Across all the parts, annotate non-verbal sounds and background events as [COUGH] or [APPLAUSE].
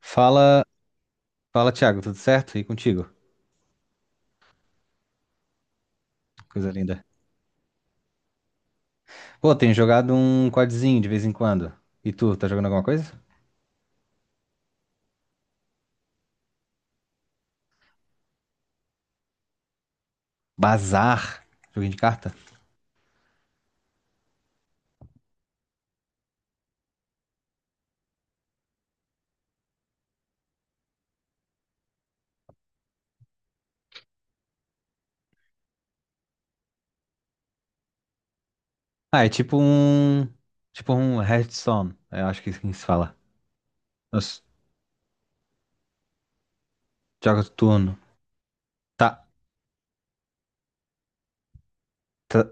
Fala, fala, Thiago, tudo certo? E contigo? Coisa linda. Pô, tenho jogado um CODzinho de vez em quando. E tu, tá jogando alguma coisa? Bazar, joguinho de carta? Ah, é tipo um Hearthstone, eu acho que é assim que se fala. Os jogos de turno. Tá, tá.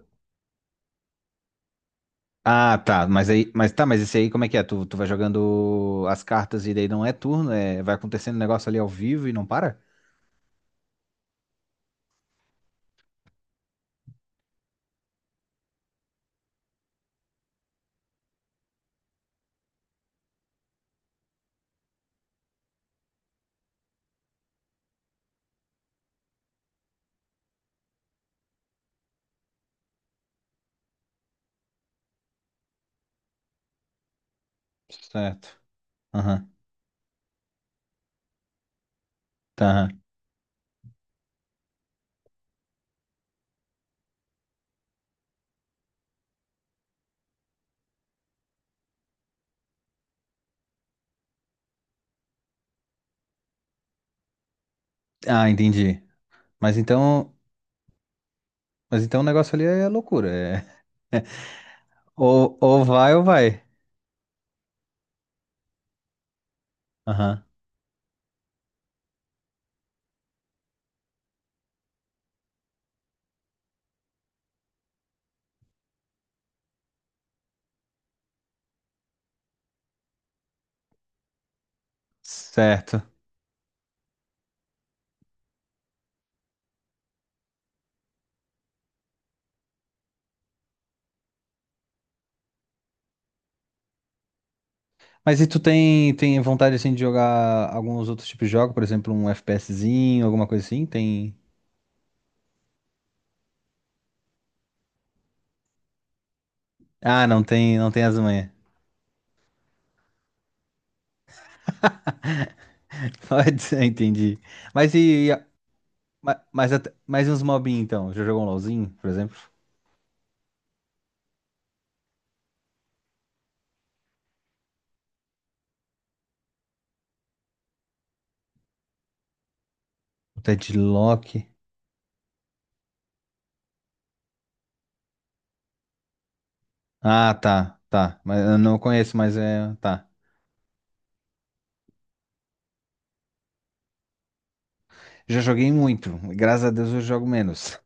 Ah, tá, mas esse aí como é que é? Tu vai jogando as cartas e daí não é turno, é, vai acontecendo um negócio ali ao vivo e não para? Certo. Aham, tá. Ah, entendi. Mas então, mas então o negócio ali é loucura, é. Ou vai ou vai. Aham. Certo. Mas e tu tem vontade assim de jogar alguns outros tipos de jogo, por exemplo, um FPSzinho, alguma coisa assim? Tem. Ah, não tem as manhas. [LAUGHS] Pode ser, entendi. Mas e, e a- mas e uns mobinhos então? Já jogou um LoLzinho, por exemplo? O Deadlock. Ah, tá, tá. Mas eu não conheço, mas é, tá. Já joguei muito. Graças a Deus eu jogo menos.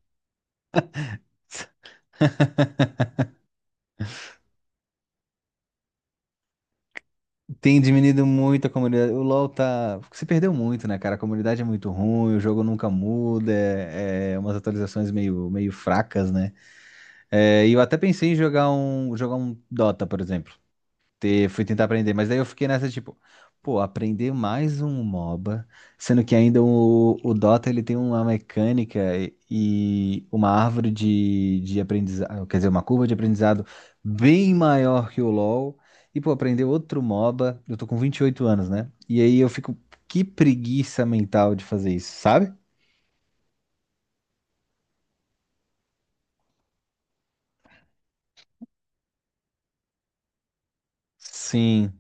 Tem diminuído muito a comunidade. O LoL tá. Se perdeu muito, né, cara? A comunidade é muito ruim, o jogo nunca muda, é umas atualizações meio, meio fracas, né? É, e eu até pensei em jogar um, Dota, por exemplo, fui tentar aprender, mas daí eu fiquei nessa, tipo, pô, aprender mais um MOBA, sendo que ainda o, Dota, ele tem uma mecânica e uma árvore de aprendizado, quer dizer, uma curva de aprendizado bem maior que o LoL, e, pô, aprender outro MOBA, eu tô com 28 anos, né? E aí eu fico, que preguiça mental de fazer isso, sabe? Sim,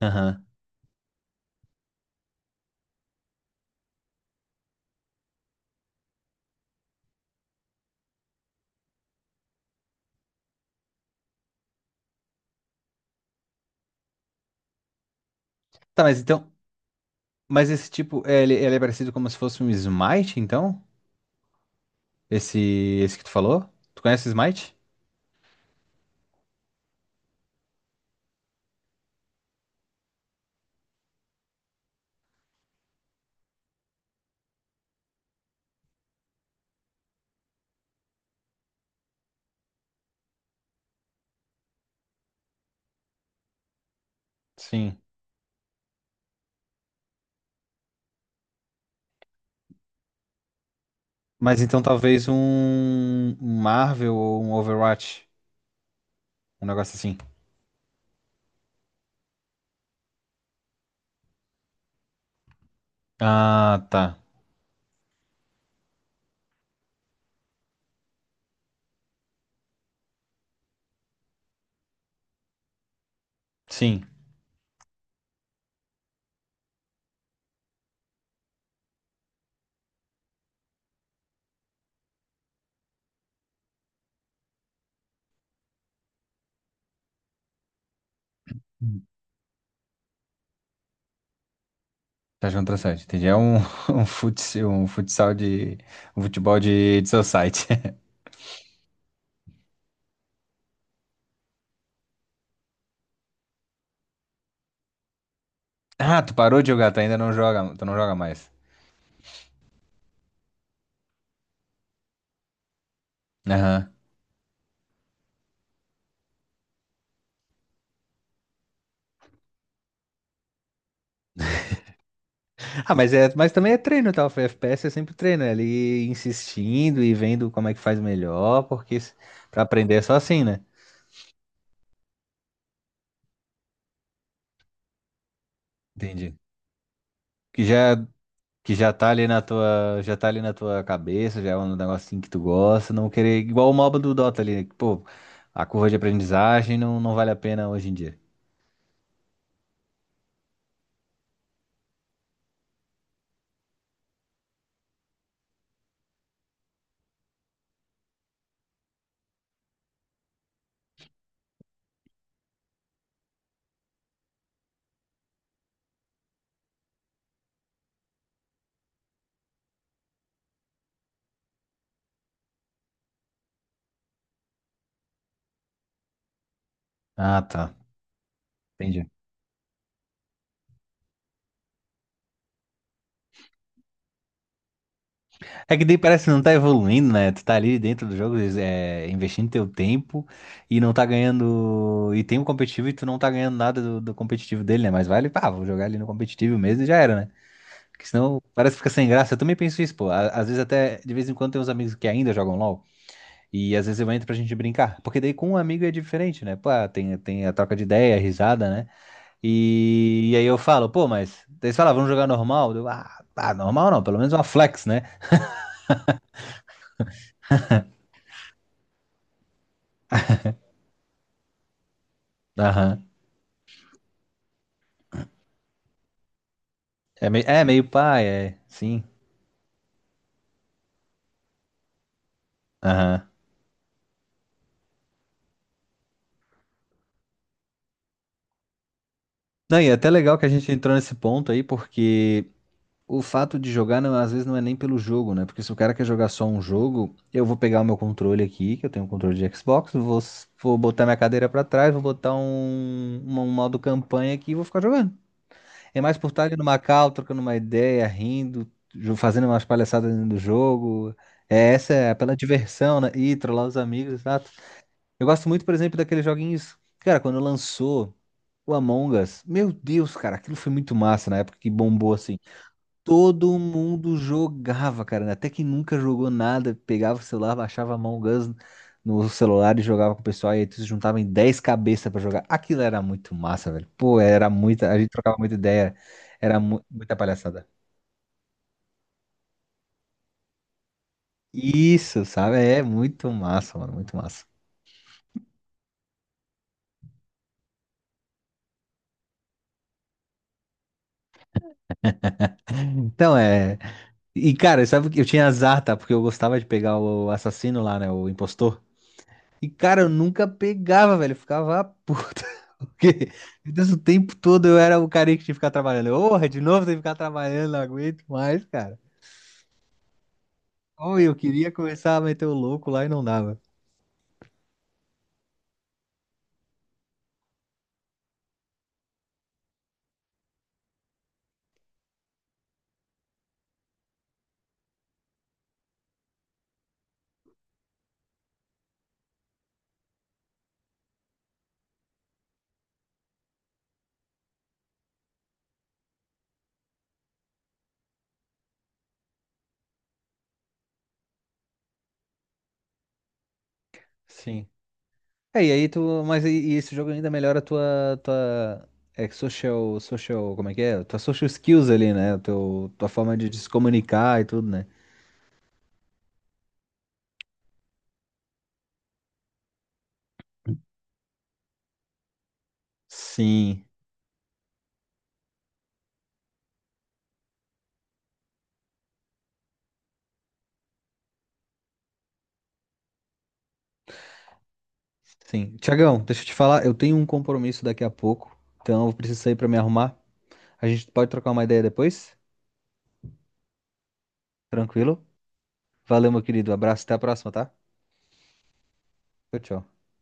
aham. Tá, mas esse tipo, ele é parecido como se fosse um Smite, então? Esse, esse que tu falou? Tu conhece Smite? Sim. Mas então talvez um Marvel ou um Overwatch, um negócio assim. Ah, tá. Sim. Tá jogando outra site, entendi. É um, [LAUGHS] um futsal de. Um futebol de society. [LAUGHS] Ah, tu parou de jogar, tu ainda não joga, tu não joga mais. Aham. Ah, mas também é treino, tá? O FPS é sempre treino, é ali insistindo e vendo como é que faz melhor, porque pra aprender é só assim, né? Entendi. Que já que já tá ali na tua, já tá ali na tua cabeça, já é um negocinho que tu gosta, não querer igual o MOBA do Dota ali, né, que, pô, a curva de aprendizagem não, não vale a pena hoje em dia. Ah, tá. Entendi. É que daí parece que não tá evoluindo, né? Tu tá ali dentro do jogo, é, investindo teu tempo e não tá ganhando. E tem um competitivo e tu não tá ganhando nada do competitivo dele, né? Mas vale, pá, vou jogar ali no competitivo mesmo e já era, né? Porque senão parece que fica sem graça. Eu também penso isso, pô. Às vezes até, de vez em quando, tem uns amigos que ainda jogam LOL. E às vezes eu entro pra gente brincar. Porque daí com um amigo é diferente, né? Pô, tem, tem a troca de ideia, a risada, né? E aí eu falo, pô, mas. Daí eles falam, vamos jogar normal? Eu, ah, tá, normal não, pelo menos uma flex, né? Aham. É meio pai, é. Sim. Aham. Não, e é até legal que a gente entrou nesse ponto aí, porque o fato de jogar, às vezes, não é nem pelo jogo, né? Porque se o cara quer jogar só um jogo, eu vou pegar o meu controle aqui, que eu tenho um controle de Xbox, vou, vou botar minha cadeira pra trás, vou botar um modo campanha aqui e vou ficar jogando. É mais por estar ali numa call, trocando uma ideia, rindo, fazendo umas palhaçadas dentro do jogo. É, essa é pela diversão, né? E trollar os amigos, exato. Eu gosto muito, por exemplo, daqueles joguinhos. Cara, quando lançou o Among Us, meu Deus, cara, aquilo foi muito massa na época que bombou assim. Todo mundo jogava, cara. Até quem nunca jogou nada, pegava o celular, baixava a mão Us no celular e jogava com o pessoal. E aí tu se juntava em 10 cabeças pra jogar. Aquilo era muito massa, velho. Pô, era muita. A gente trocava muita ideia. Era muita palhaçada. Isso, sabe? É muito massa, mano. Muito massa. Então é. E, cara, sabe que eu tinha azar, tá? Porque eu gostava de pegar o assassino lá, né? O impostor. E, cara, eu nunca pegava, velho. Eu ficava puta. [LAUGHS] Porque, Deus, o tempo todo eu era o cara que tinha que ficar trabalhando. Porra, de novo tem que ficar trabalhando, não aguento mais, cara. Ou eu queria começar a meter o louco lá e não dava. Sim. É, e aí tu. Mas e esse jogo ainda melhora a tua, tua. É, que social. Social. Como é que é? Tua social skills ali, né? Teu, tua forma de, se comunicar e tudo, né? Sim. Sim. Tiagão, deixa eu te falar, eu tenho um compromisso daqui a pouco. Então eu preciso sair pra me arrumar. A gente pode trocar uma ideia depois? Tranquilo? Valeu, meu querido. Abraço, até a próxima, tá? Tchau, tchau.